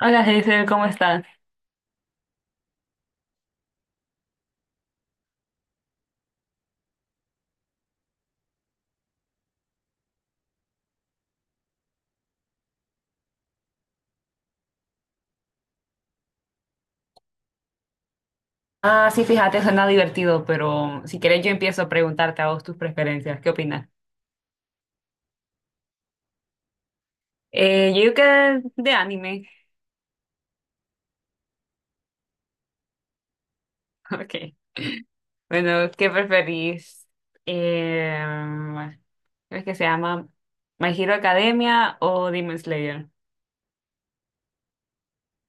Hola, Hazel, ¿cómo estás? Ah, sí, fíjate, suena divertido, pero si quieres yo empiezo a preguntarte a vos tus preferencias. ¿Qué opinas? Yo creo que de anime. Ok. Bueno, ¿qué preferís? ¿Cómo es que se llama? ¿My Hero Academia o Demon Slayer?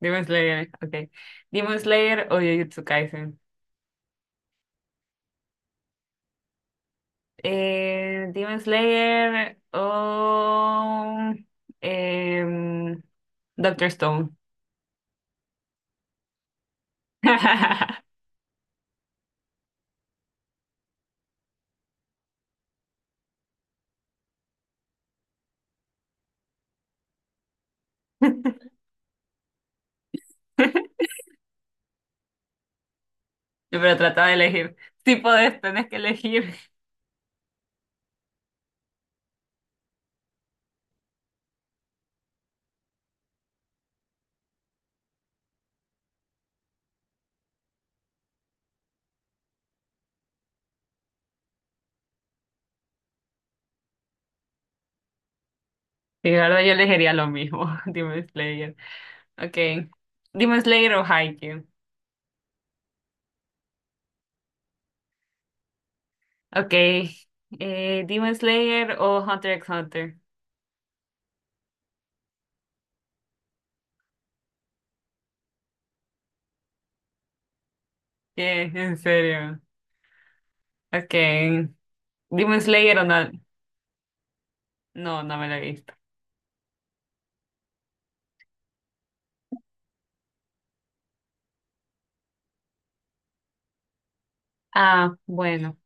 Demon Slayer, ok. ¿Demon Slayer o Jujutsu Kaisen? Demon Slayer o em, Doctor Stone. Pero trata de elegir. Si podés, tenés que elegir. Y la verdad, yo elegiría lo mismo. Demon Slayer. Ok. Demon Slayer o Haikyuu. Ok. Demon Slayer o Hunter x Hunter. ¿Qué? ¿En serio? Ok. Demon Slayer o no. No, no me lo he visto. Ah, bueno.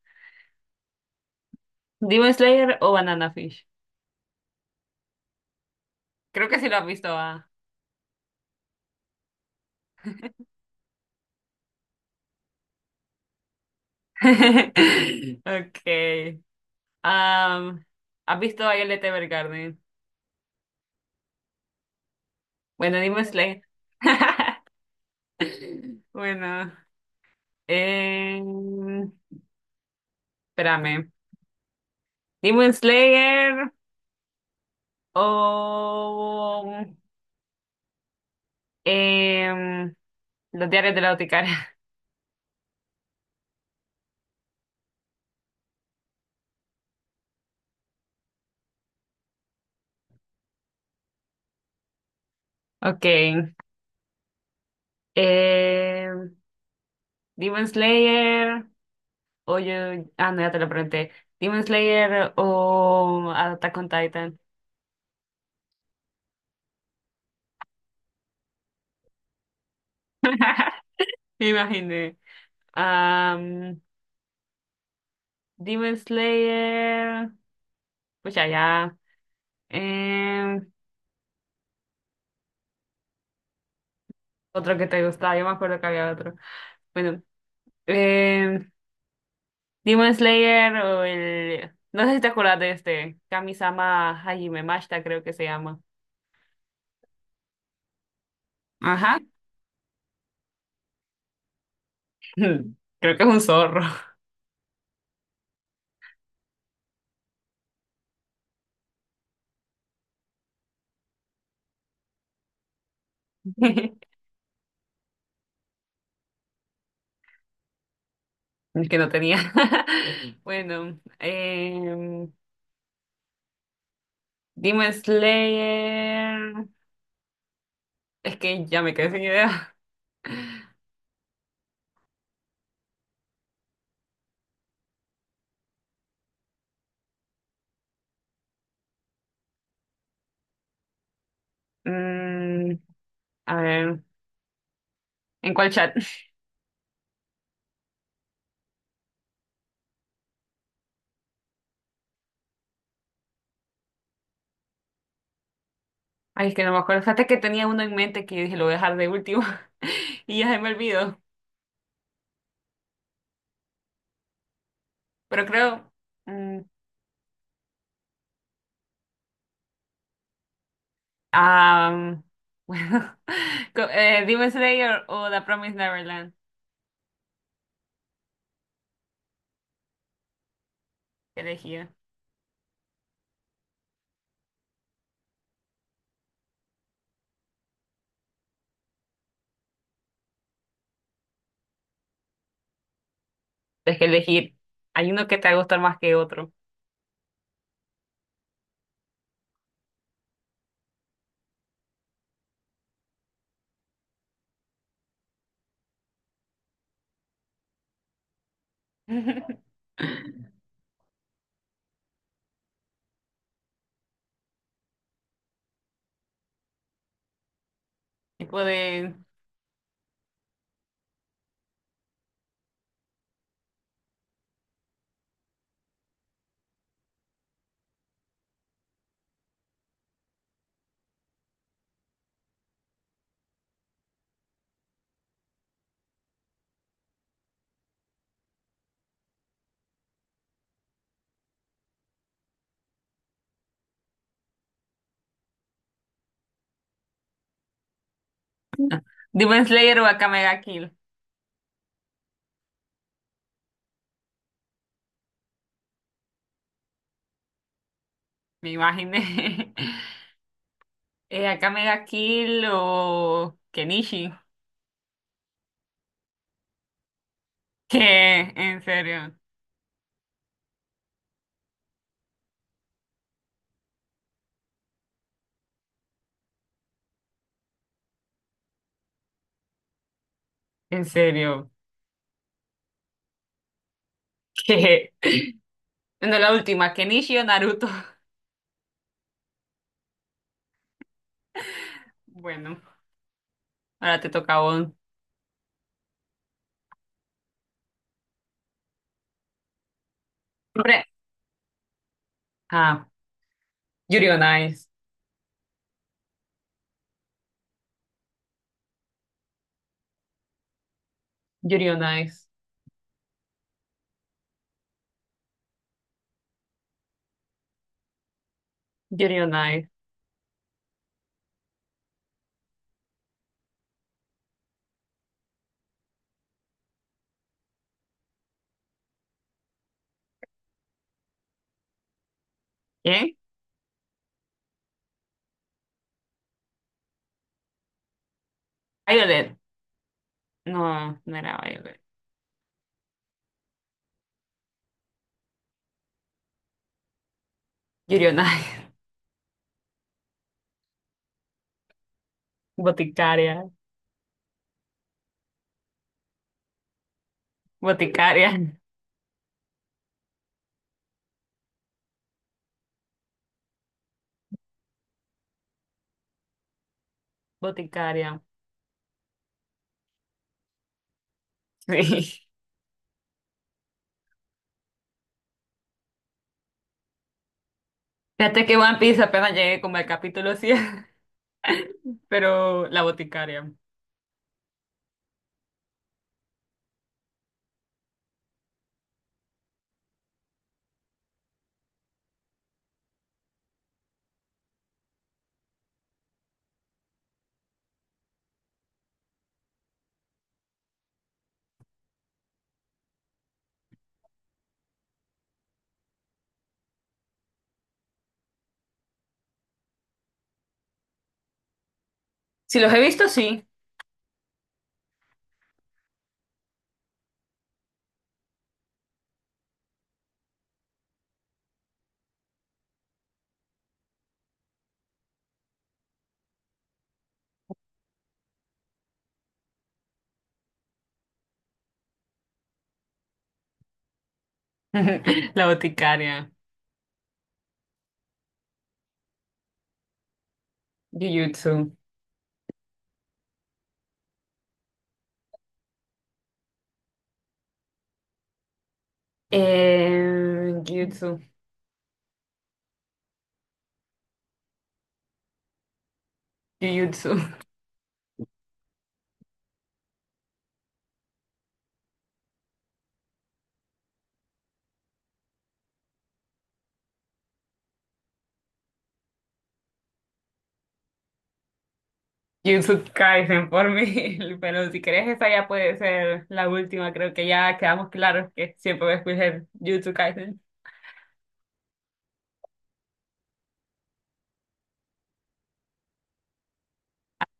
Demon Slayer o Banana Fish. Creo que sí lo has visto, ah. Okay. Um, ¿Has visto Violet Evergarden? Bueno, Demon Slayer. Bueno, eh, espérame. Demon Slayer o em, Los Diarios de la Boticaria. Ok. em, Demon Slayer o yo. Ah, no, ya te lo pregunté. Demon Slayer o Attack on Titan. Me imaginé. Am, Demon Slayer. Pues ya. em, otro que te gustaba, yo me acuerdo que había otro. Bueno, Eh, Demon Slayer o el... No sé si te acuerdas de este. Kamisama Hajime Mashita, creo que se llama. Ajá. Creo que es un zorro. Que no tenía. Bueno, Demon Slayer. Es que ya me quedé sin idea. Mm, a ver, ¿en cuál chat? Ay, es que no me acuerdo. Fíjate que tenía uno en mente que dije lo voy a dejar de último y ya se me olvidó. Pero creo. mm, Ah, bueno, Demon Slayer o The Promised Neverland, ¿qué elegir? Es que elegir. Hay uno que te va a gustar más que otro. Tipo de Demon Slayer o Akame ga Kill, me imaginé. Akame ga Kill o Kenichi. ¿Qué? En serio, en serio. ¿Qué? Bueno, la última, Kenichi o Naruto. Bueno, ahora te toca a vos. Hombre, ah, Yuri on Ice. Yuri on Ice. Yuri on Ice. ¿Qué? Violet. No, no era Violet. Yuri on Ice. Boticaria. Boticaria. Boticaria. Sí. Fíjate que One Piece apenas llegué como al capítulo 100, pero la boticaria. Si los he visto, sí. La boticaria. Jujutsu. Jujutsu. Jujutsu. Jujutsu Kaisen por mí. Pero si querés, esa ya puede ser la última. Creo que ya quedamos claros que siempre voy a escoger Jujutsu Kaisen.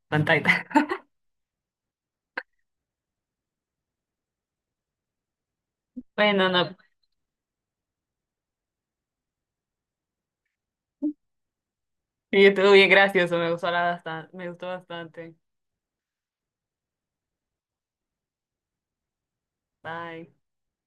Pantalla. Bueno, no. Y estuvo bien gracioso, me gustó la- bastante, me gustó bastante. Bye.